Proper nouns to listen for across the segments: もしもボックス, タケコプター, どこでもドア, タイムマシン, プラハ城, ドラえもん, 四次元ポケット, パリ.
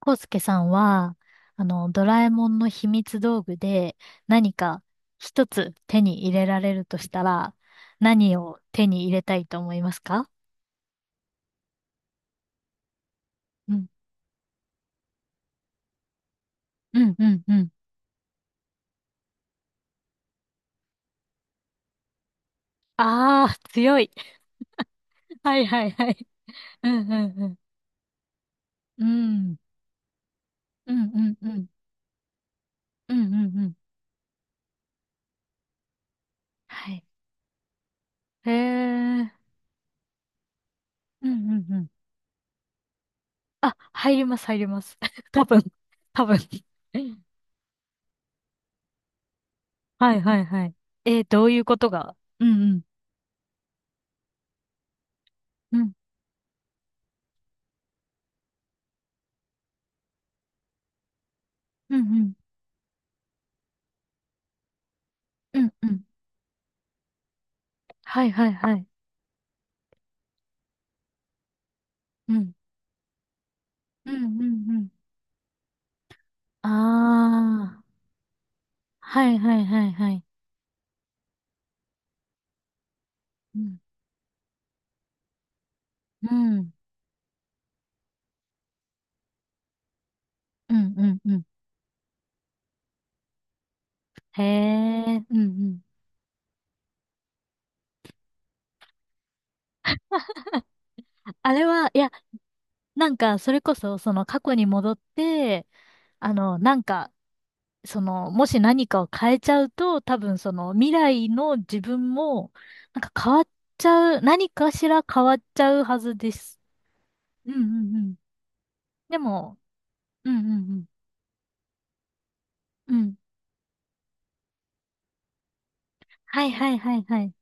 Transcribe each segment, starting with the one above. コウスケさんは、ドラえもんの秘密道具で何か一つ手に入れられるとしたら、何を手に入れたいと思いますか？うん、うん、うん、うん。ああ、強い。はいはいはい。うん、うん、うん。うん、うん、うん。うん、うん、うん。うんはい。へえ。うん、うん、うん。あ、入ります、入ります。多分、多分。はいはいはい。どういうことが。うん、うん、うん、うん、うん。うんうんはいはいはい。うん。うんうんうん。ああ。はいはいはいはい。うん。うん。うんうんうん。へえ。うんうん。あれは、いや、なんか、それこそ、その過去に戻って、なんか、その、もし何かを変えちゃうと、多分その、未来の自分も、なんか変わっちゃう、何かしら変わっちゃうはずです。うんうんうん。でも、うんうんうん。うん。はいはいはいはい。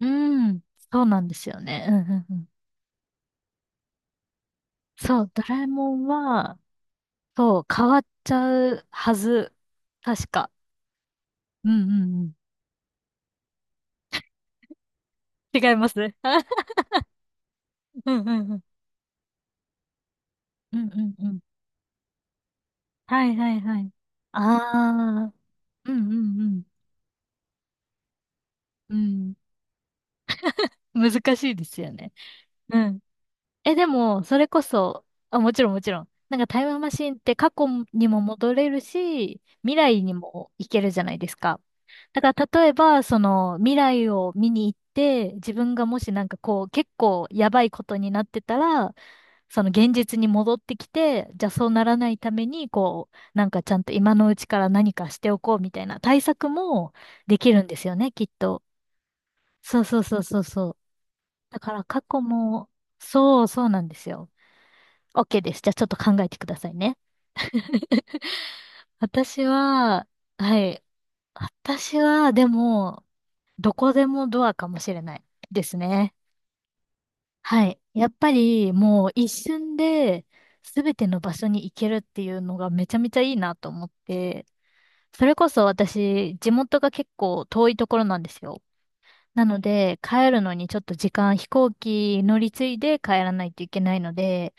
うん、そうなんですよね。うんうんうん。そう、ドラえもんは、そう、変わっちゃうはず。確か。うんうんうん。違いますね。うんうんうん。うんうんうん。はいはいはい。ああ、うんうんうん。うん。難しいですよね。うんえ、でも、それこそ、あ、もちろんもちろん。なんかタイムマシンって過去にも戻れるし、未来にも行けるじゃないですか。だから例えば、その未来を見に行って、自分がもしなんかこう結構やばいことになってたら、その現実に戻ってきて、じゃあそうならないために、こう、なんかちゃんと今のうちから何かしておこうみたいな対策もできるんですよね、きっと。そうそうそうそうそう。だから過去も、そうそうなんですよ。OK です。じゃあちょっと考えてくださいね。私は、はい。私は、でも、どこでもドアかもしれないですね。はい。やっぱり、もう一瞬で、すべての場所に行けるっていうのがめちゃめちゃいいなと思って、それこそ私、地元が結構遠いところなんですよ。なので、帰るのにちょっと時間、飛行機乗り継いで帰らないといけないので、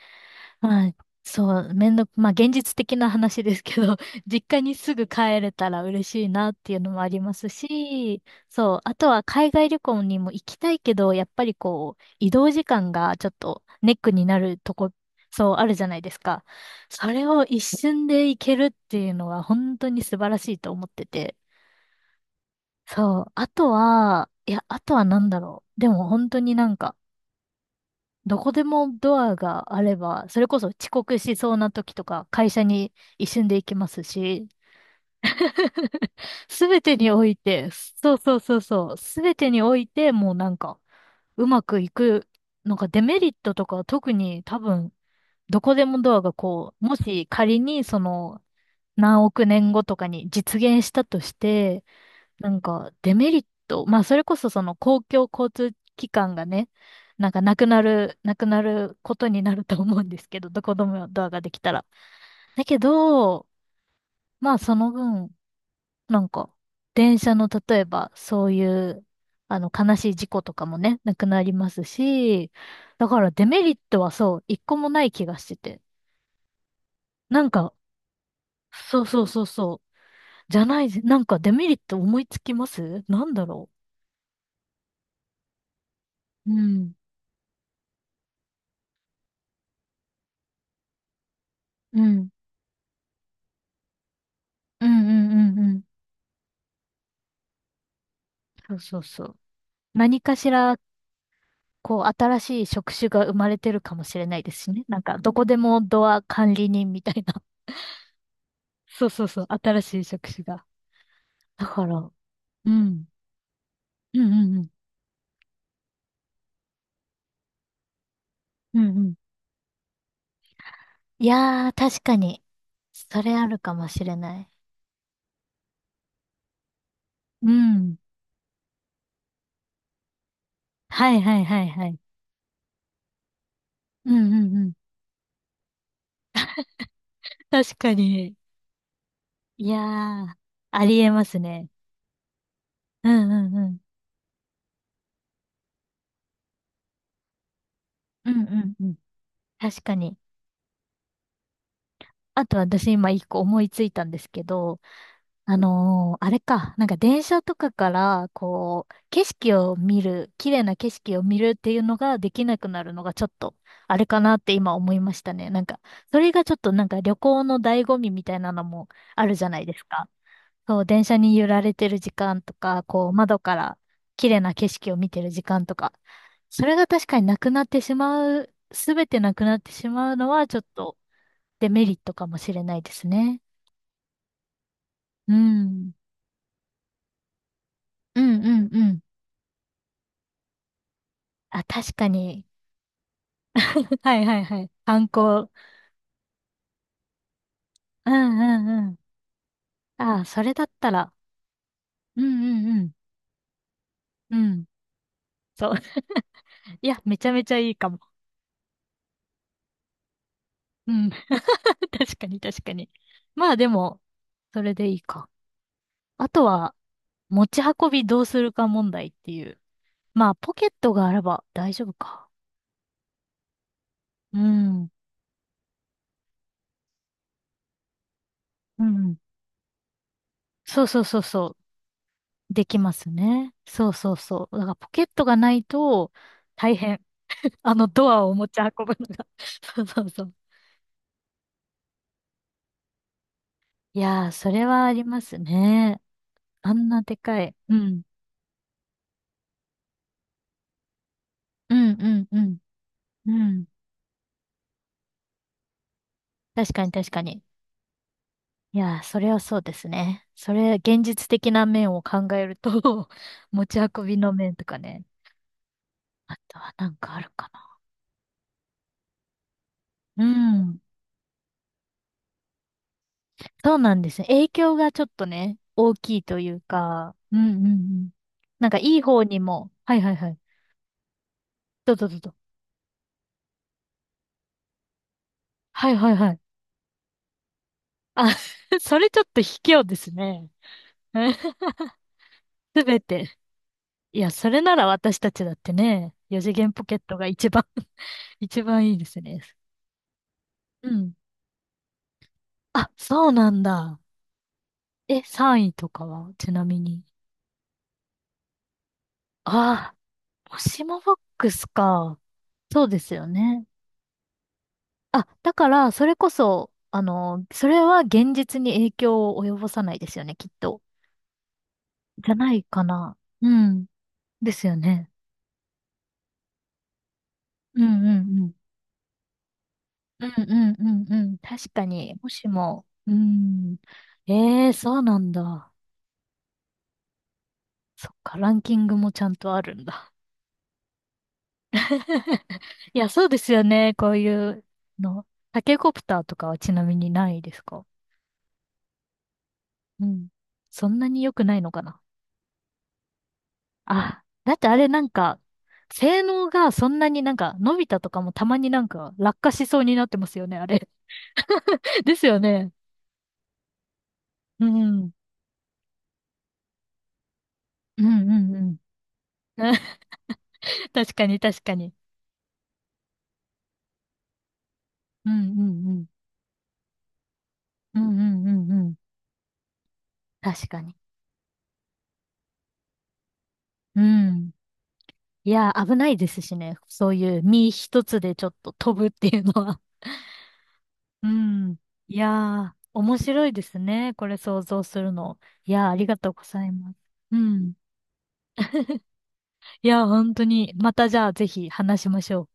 はい。そう、めんどく、まあ現実的な話ですけど、実家にすぐ帰れたら嬉しいなっていうのもありますし、そう、あとは海外旅行にも行きたいけど、やっぱりこう、移動時間がちょっとネックになるとこ、そう、あるじゃないですか。それを一瞬で行けるっていうのは本当に素晴らしいと思ってて。そう、あとは、いや、あとは何だろう。でも本当になんか、どこでもドアがあれば、それこそ遅刻しそうな時とか、会社に一瞬で行きますし、すべてにおいて、そうそうそうそう、すべてにおいて、もうなんか、うまくいく、なんかデメリットとかは特に多分、どこでもドアがこう、もし仮にその、何億年後とかに実現したとして、なんか、デメリット、まあ、それこそその公共交通機関がね、なんかなくなることになると思うんですけど、どこでもドアができたら。だけど、まあ、その分、なんか、電車の例えば、そういう、悲しい事故とかもね、なくなりますし、だからデメリットはそう、一個もない気がしてて。なんか、そうそうそうそう、じゃない、なんかデメリット思いつきますなんだろう。うん。うんうんうんうんうん。そうそうそう。何かしら、こう、新しい職種が生まれてるかもしれないですしね。なんか、どこでもドア管理人みたいな。そうそうそう。新しい職種が。だから、うん。うんうんうん。うんうん。いやー、確かに。それあるかもしれない。うん。はいはいはいはい。うんうんうん。確かに。いやー、ありえますね。うんうんうん。うんうんうん。確かに。あと私今一個思いついたんですけど、あれか、なんか電車とかから、こう、景色を見る、綺麗な景色を見るっていうのができなくなるのがちょっと、あれかなって今思いましたね。なんか、それがちょっとなんか旅行の醍醐味みたいなのもあるじゃないですか。そう、電車に揺られてる時間とか、こう、窓から綺麗な景色を見てる時間とか、それが確かになくなってしまう、すべてなくなってしまうのはちょっとデメリットかもしれないですね。うん。うんうんうん。あ、確かに。はいはいはい。観光。うんうんうん。ああ、それだったら。うんうんうん。うん。そう。いや、めちゃめちゃいいかも。うん。確かに確かに。まあでも、それでいいか。あとは、持ち運びどうするか問題っていう。まあ、ポケットがあれば大丈夫か。うん。うん。そうそうそうそう。できますね。そうそうそう。だからポケットがないと大変。あのドアを持ち運ぶのが。そうそうそう。いやー、それはありますね。あんなでかい。うん。うん、うん、うん。うん。確かに、確かに。いやー、それはそうですね。それ、現実的な面を考えると 持ち運びの面とかね。あとはなんかあるかな。うん。そうなんですね。影響がちょっとね、大きいというか。うん、うん、うん。なんか、いい方にも。はい、はい、はい。どうぞ、どうぞ。はい、はい、はい。あ、それちょっと卑怯ですね。すべて。いや、それなら私たちだってね、四次元ポケットが一番 一番いいですね。うん。あ、そうなんだ。え、3位とかは、ちなみに。ああ、もしもボックスか。そうですよね。あ、だから、それこそ、それは現実に影響を及ぼさないですよね、きっと。じゃないかな。うん。ですよね。うんうんうん。うんうんうんうん。確かに、もしも、うん。ええそうなんだ。そっか、ランキングもちゃんとあるんだ。いや、そうですよね。こういうの。タケコプターとかはちなみにないですかうん。そんなに良くないのかなあ、だってあれなんか、性能がそんなになんか、のび太とかもたまになんか落下しそうになってますよね、あれ。ですよね。うん。うんうんうん。確かに確かに。うんうんうん。うんうんうんうん。確かに。うん。いや、危ないですしね。そういう身一つでちょっと飛ぶっていうのは。うん。いやー、面白いですね。これ想像するの。いやー、ありがとうございます。うん。いやー、本当に、またじゃあぜひ話しましょう。